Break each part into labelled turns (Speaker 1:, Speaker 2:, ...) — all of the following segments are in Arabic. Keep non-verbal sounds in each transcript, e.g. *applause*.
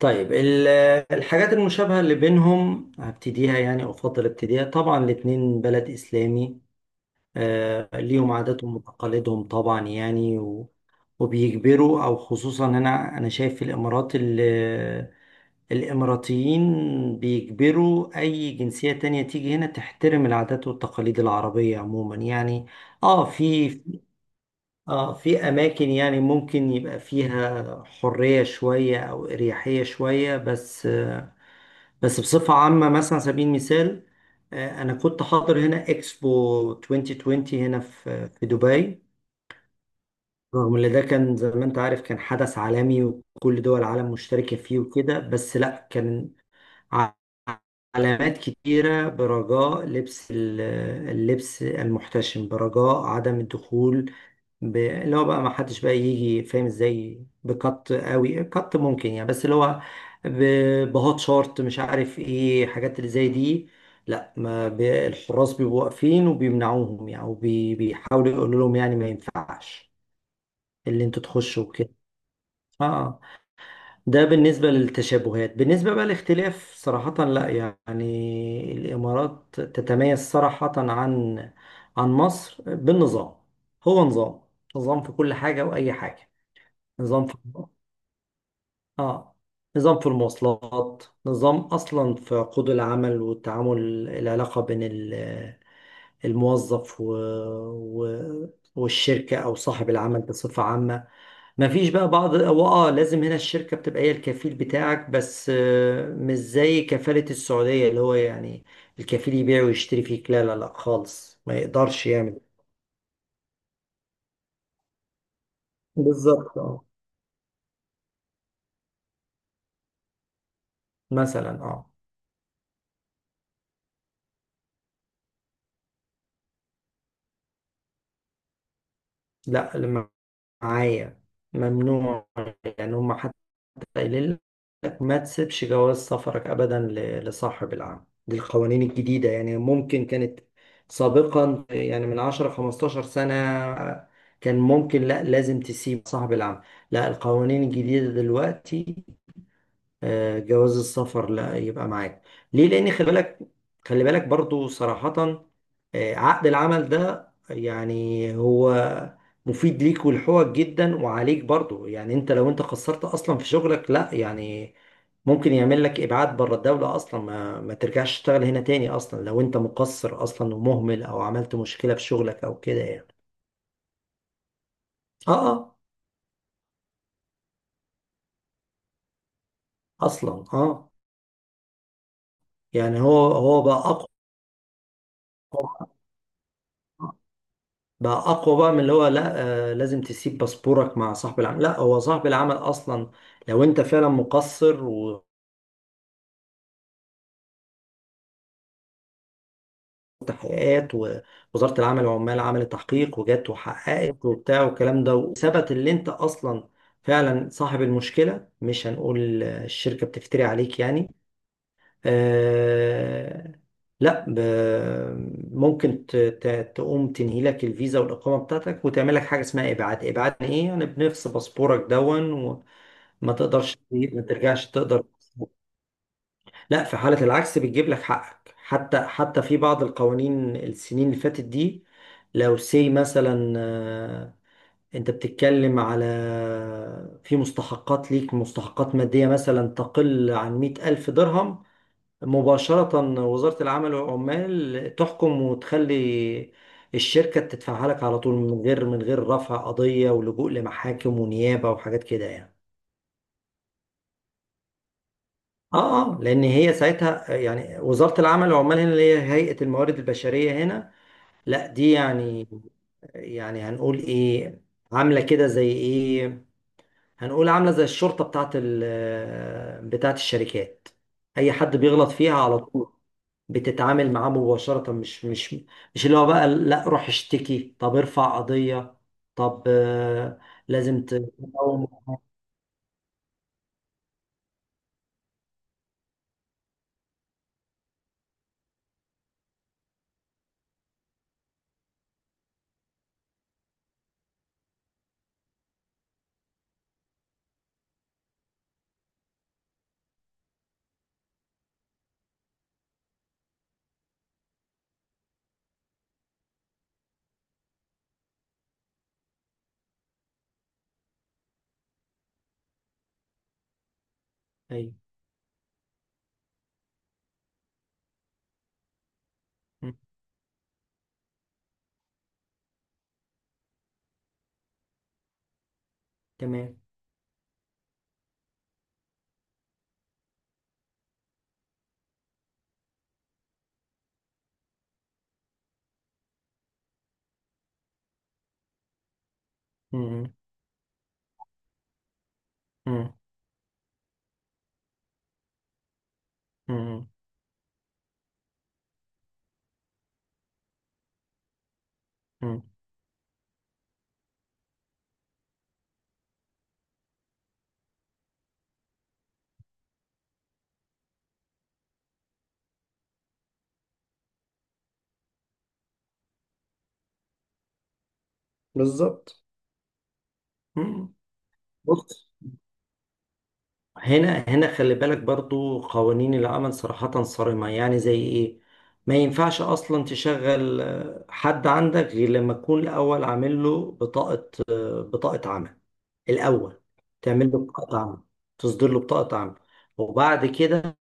Speaker 1: طيب، الحاجات المشابهة اللي بينهم هبتديها يعني، أو أفضل ابتديها. طبعا الاتنين بلد إسلامي، ليهم عاداتهم وتقاليدهم طبعا يعني وبيجبروا، أو خصوصا هنا أنا شايف في الإمارات الإماراتيين بيجبروا أي جنسية تانية تيجي هنا تحترم العادات والتقاليد العربية عموما يعني. آه، في اماكن يعني ممكن يبقى فيها حرية شوية او اريحية شوية بس، بصفة عامة، مثلا على سبيل المثال، انا كنت حاضر هنا اكسبو 2020 هنا في دبي. رغم ان ده كان زي ما انت عارف كان حدث عالمي وكل دول العالم مشتركة فيه وكده، بس لا، كان ع- علامات كتيرة: برجاء لبس اللبس المحتشم، برجاء عدم الدخول اللي هو بقى ما حدش بقى يجي فاهم ازاي بكت قوي كت ممكن يعني، بس اللي هو بهوت شورت، مش عارف ايه، حاجات اللي زي دي. لا، ما الحراس بيبقوا واقفين وبيمنعوهم يعني، وبيحاولوا يقولوا لهم يعني ما ينفعش اللي انتوا تخشوا كده. اه، ده بالنسبة للتشابهات. بالنسبة بقى للاختلاف، صراحة لا يعني، الإمارات تتميز صراحة عن مصر بالنظام. هو نظام في كل حاجة وأي حاجة. نظام في اه نظام في المواصلات، نظام اصلا في عقود العمل والتعامل، العلاقه بين الموظف و... و... والشركه او صاحب العمل بصفه عامه. ما فيش بقى بعض. هو، لازم هنا الشركه بتبقى هي الكفيل بتاعك بس، مش زي كفاله السعوديه، اللي هو يعني الكفيل يبيع ويشتري فيك، لا لا لا خالص، ما يقدرش يعمل. بالظبط، اه. مثلا، اه. لا، معايا. ممنوع. يعني هم حتى قايلين لك ما تسيبش جواز سفرك أبدا لصاحب العمل. دي القوانين الجديدة يعني، ممكن كانت سابقا يعني من 10 15 سنة كان ممكن، لا لازم تسيب صاحب العمل. لا، القوانين الجديدة دلوقتي، جواز السفر لا يبقى معاك. ليه؟ لان خلي بالك، خلي بالك برضو صراحة، عقد العمل ده يعني هو مفيد ليك ولحقوقك جدا، وعليك برضو. يعني انت، لو خسرت اصلا في شغلك، لا يعني ممكن يعمل لك ابعاد بره الدولة اصلا، ما ترجعش تشتغل هنا تاني اصلا لو انت مقصر اصلا ومهمل او عملت مشكلة في شغلك او كده يعني. اه، اه، اصلا، اه. يعني هو بقى اقوى، بقى اقوى بقى من اللي هو لا، آه، لازم تسيب باسبورك مع صاحب العمل. لا، هو صاحب العمل اصلا لو انت فعلا مقصر وتحقيقات، ووزارة العمل والعمال عملت تحقيق وجت وحققت وبتاع والكلام ده، وثبت اللي انت اصلا فعلا صاحب المشكلة، مش هنقول الشركة بتفتري عليك يعني، آه، لا ممكن تقوم تنهي لك الفيزا والإقامة بتاعتك، وتعمل لك حاجة اسمها إبعاد. إبعاد يعني إيه؟ يعني بنفس باسبورك، دون ما تقدرش، ما ترجعش تقدر. لا، في حالة العكس بتجيب لك حقك، حتى في بعض القوانين السنين اللي فاتت دي، لو سي مثلا، انت بتتكلم على، في مستحقات ليك، مستحقات مادية مثلا تقل عن مئة ألف درهم، مباشرة وزارة العمل والعمال تحكم وتخلي الشركة تدفعها لك على طول، من غير رفع قضية ولجوء لمحاكم ونيابة وحاجات كده يعني. اه، اه، لان هي ساعتها يعني، وزارة العمل والعمال هنا اللي هي هيئة الموارد البشرية هنا. لا، دي يعني، يعني هنقول ايه، عاملة كده زي ايه، هنقول عاملة زي الشرطة بتاعت ال بتاعت الشركات. اي حد بيغلط فيها على طول بتتعامل معاه مباشرة، مش اللي هو بقى لا روح اشتكي، طب ارفع قضية. طب، لازم تقوم. ايوه. م، تمام. م، م، م، م. بالظبط. مم. بص، هنا خلي بالك برضو، قوانين العمل صراحة صارمة يعني، زي ايه، ما ينفعش اصلا تشغل حد عندك غير لما تكون الاول عامل له بطاقة، بطاقة عمل. الاول تعمل له بطاقة عمل، تصدر له بطاقة عمل، وبعد كده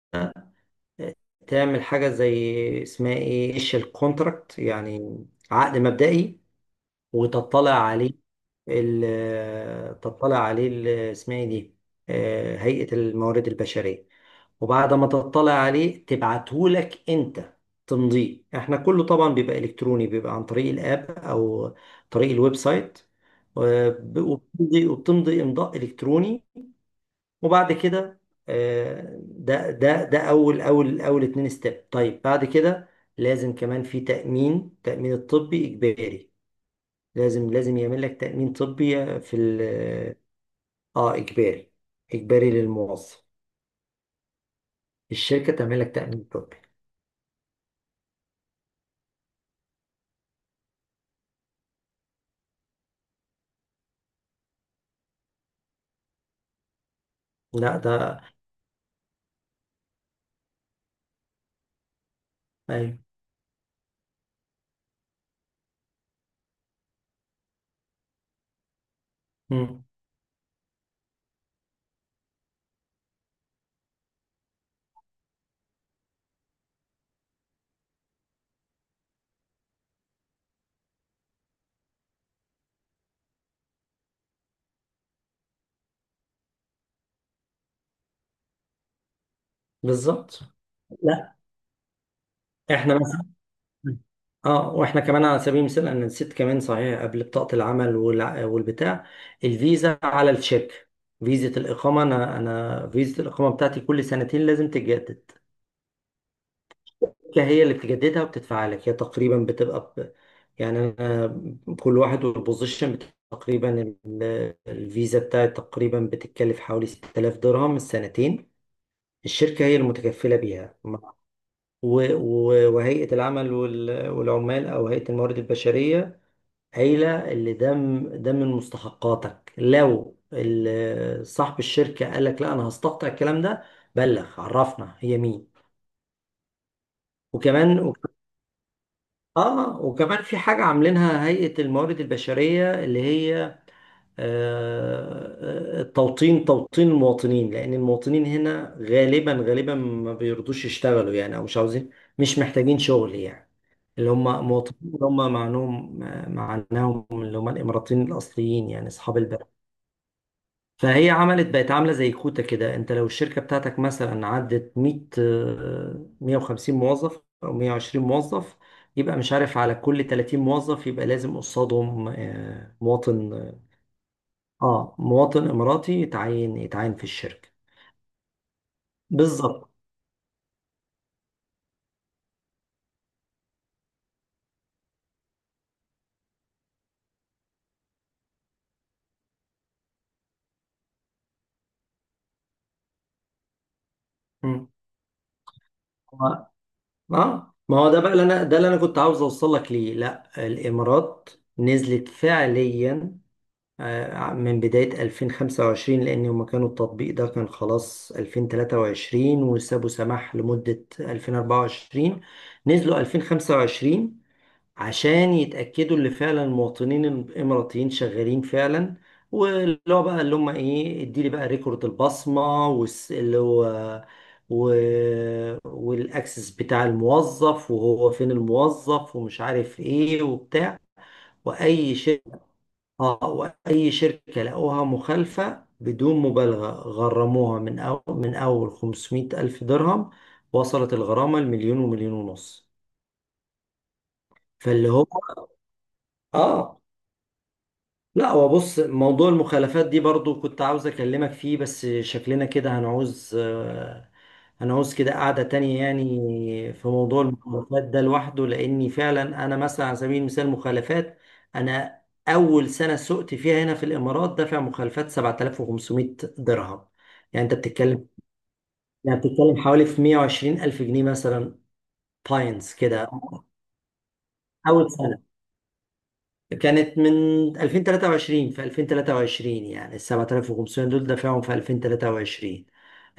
Speaker 1: آه، تعمل حاجة زي اسمها ايه، ايش الكونتراكت يعني، عقد مبدئي، وتطلع عليه ال- آه، تطلع عليه ال- آه، اسمها ايه دي، هيئة الموارد البشرية. وبعد ما تطلع عليه تبعته لك انت، تمضيه. احنا كله طبعا بيبقى الكتروني، بيبقى عن طريق الاب او طريق الويب سايت، وبتمضي امضاء الكتروني. وبعد كده ده اول اتنين ستيب. طيب، بعد كده لازم كمان في تأمين، تأمين الطبي إجباري، لازم يعمل لك تأمين طبي في ال... اه، إجباري، إجباري للموظف. الشركة تعمل لك تأمين طبي. لا ده، أيوه. مم. بالظبط. لا، إحنا مثلا، اه، واحنا كمان على سبيل المثال، انا نسيت كمان صحيح، قبل بطاقة العمل والبتاع، الفيزا على الشركة. فيزا الإقامة، أنا فيزا الإقامة بتاعتي كل سنتين لازم تتجدد، هي اللي بتجددها وبتدفع لك هي، تقريبا بتبقى ب... يعني أنا كل واحد والبوزيشن تقريبا، الفيزا بتاعي تقريبا بتتكلف حوالي 6000 درهم السنتين، الشركة هي المتكفلة بيها. وهيئة العمل والعمال، أو هيئة الموارد البشرية قايلة اللي ده ده من مستحقاتك، لو صاحب الشركة قال لك لا أنا هستقطع الكلام ده، بلغ عرفنا هي مين. وكمان، في حاجة عاملينها هيئة الموارد البشرية، اللي هي التوطين، توطين المواطنين، لأن المواطنين هنا غالبا غالبا ما بيرضوش يشتغلوا يعني، أو مش عاوزين، مش محتاجين شغل يعني، اللي هم مواطنين، اللي هم معناهم اللي هم الإماراتيين الأصليين يعني، أصحاب البلد. فهي عملت، بقت عاملة زي كوتا كده. انت لو الشركة بتاعتك مثلا عدت 100، 150 موظف او 120 موظف، يبقى مش عارف، على كل 30 موظف يبقى لازم قصادهم، مواطن، اه مواطن اماراتي يتعين في الشركة. بالظبط. مم. اه. آه. ما هو ده اللي انا كنت عاوز اوصل لك ليه. لا، الامارات نزلت فعليا من بداية 2025. لأن هما كانوا، التطبيق ده كان خلاص 2023، وسابوا سماح لمدة 2024، نزلوا 2025 عشان يتأكدوا اللي فعلا المواطنين الإماراتيين شغالين فعلا. واللي هو بقى اللي هم إيه، اديلي بقى ريكورد البصمة اللي هو و... والأكسس بتاع الموظف وهو فين الموظف، ومش عارف إيه وبتاع وأي شيء. اه، واي شركه لقوها مخالفه بدون مبالغه غرموها من، أو من اول 500 الف درهم، وصلت الغرامه لمليون ومليون ونص. فاللي هو، اه، لا هو بص، موضوع المخالفات دي برضو كنت عاوز اكلمك فيه، بس شكلنا كده هنعوز كده قعدة تانية يعني في موضوع المخالفات ده لوحده. لاني فعلا انا مثلا على سبيل المثال مخالفات، انا اول سنة سقت فيها هنا في الامارات دافع مخالفات 7500 درهم. يعني انت بتتكلم يعني بتتكلم حوالي في 120 الف جنيه مثلا. باينز كده. اول سنة كانت من 2023، في 2023 يعني ال 7500 دول دفعهم في 2023.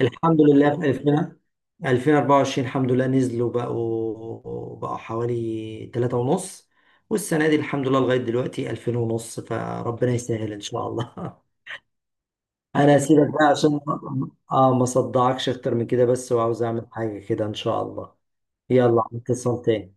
Speaker 1: الحمد لله في 2000 2024 الحمد لله نزلوا، بقوا حوالي 3 ونص. والسنة دي الحمد لله لغاية دلوقتي 2000 ونص، فربنا يسهل إن شاء الله. *laughs* أنا هسيبك بقى عشان ما صدعكش أكتر من كده، بس وعاوز أعمل حاجة كده إن شاء الله. يلا اتصل تاني.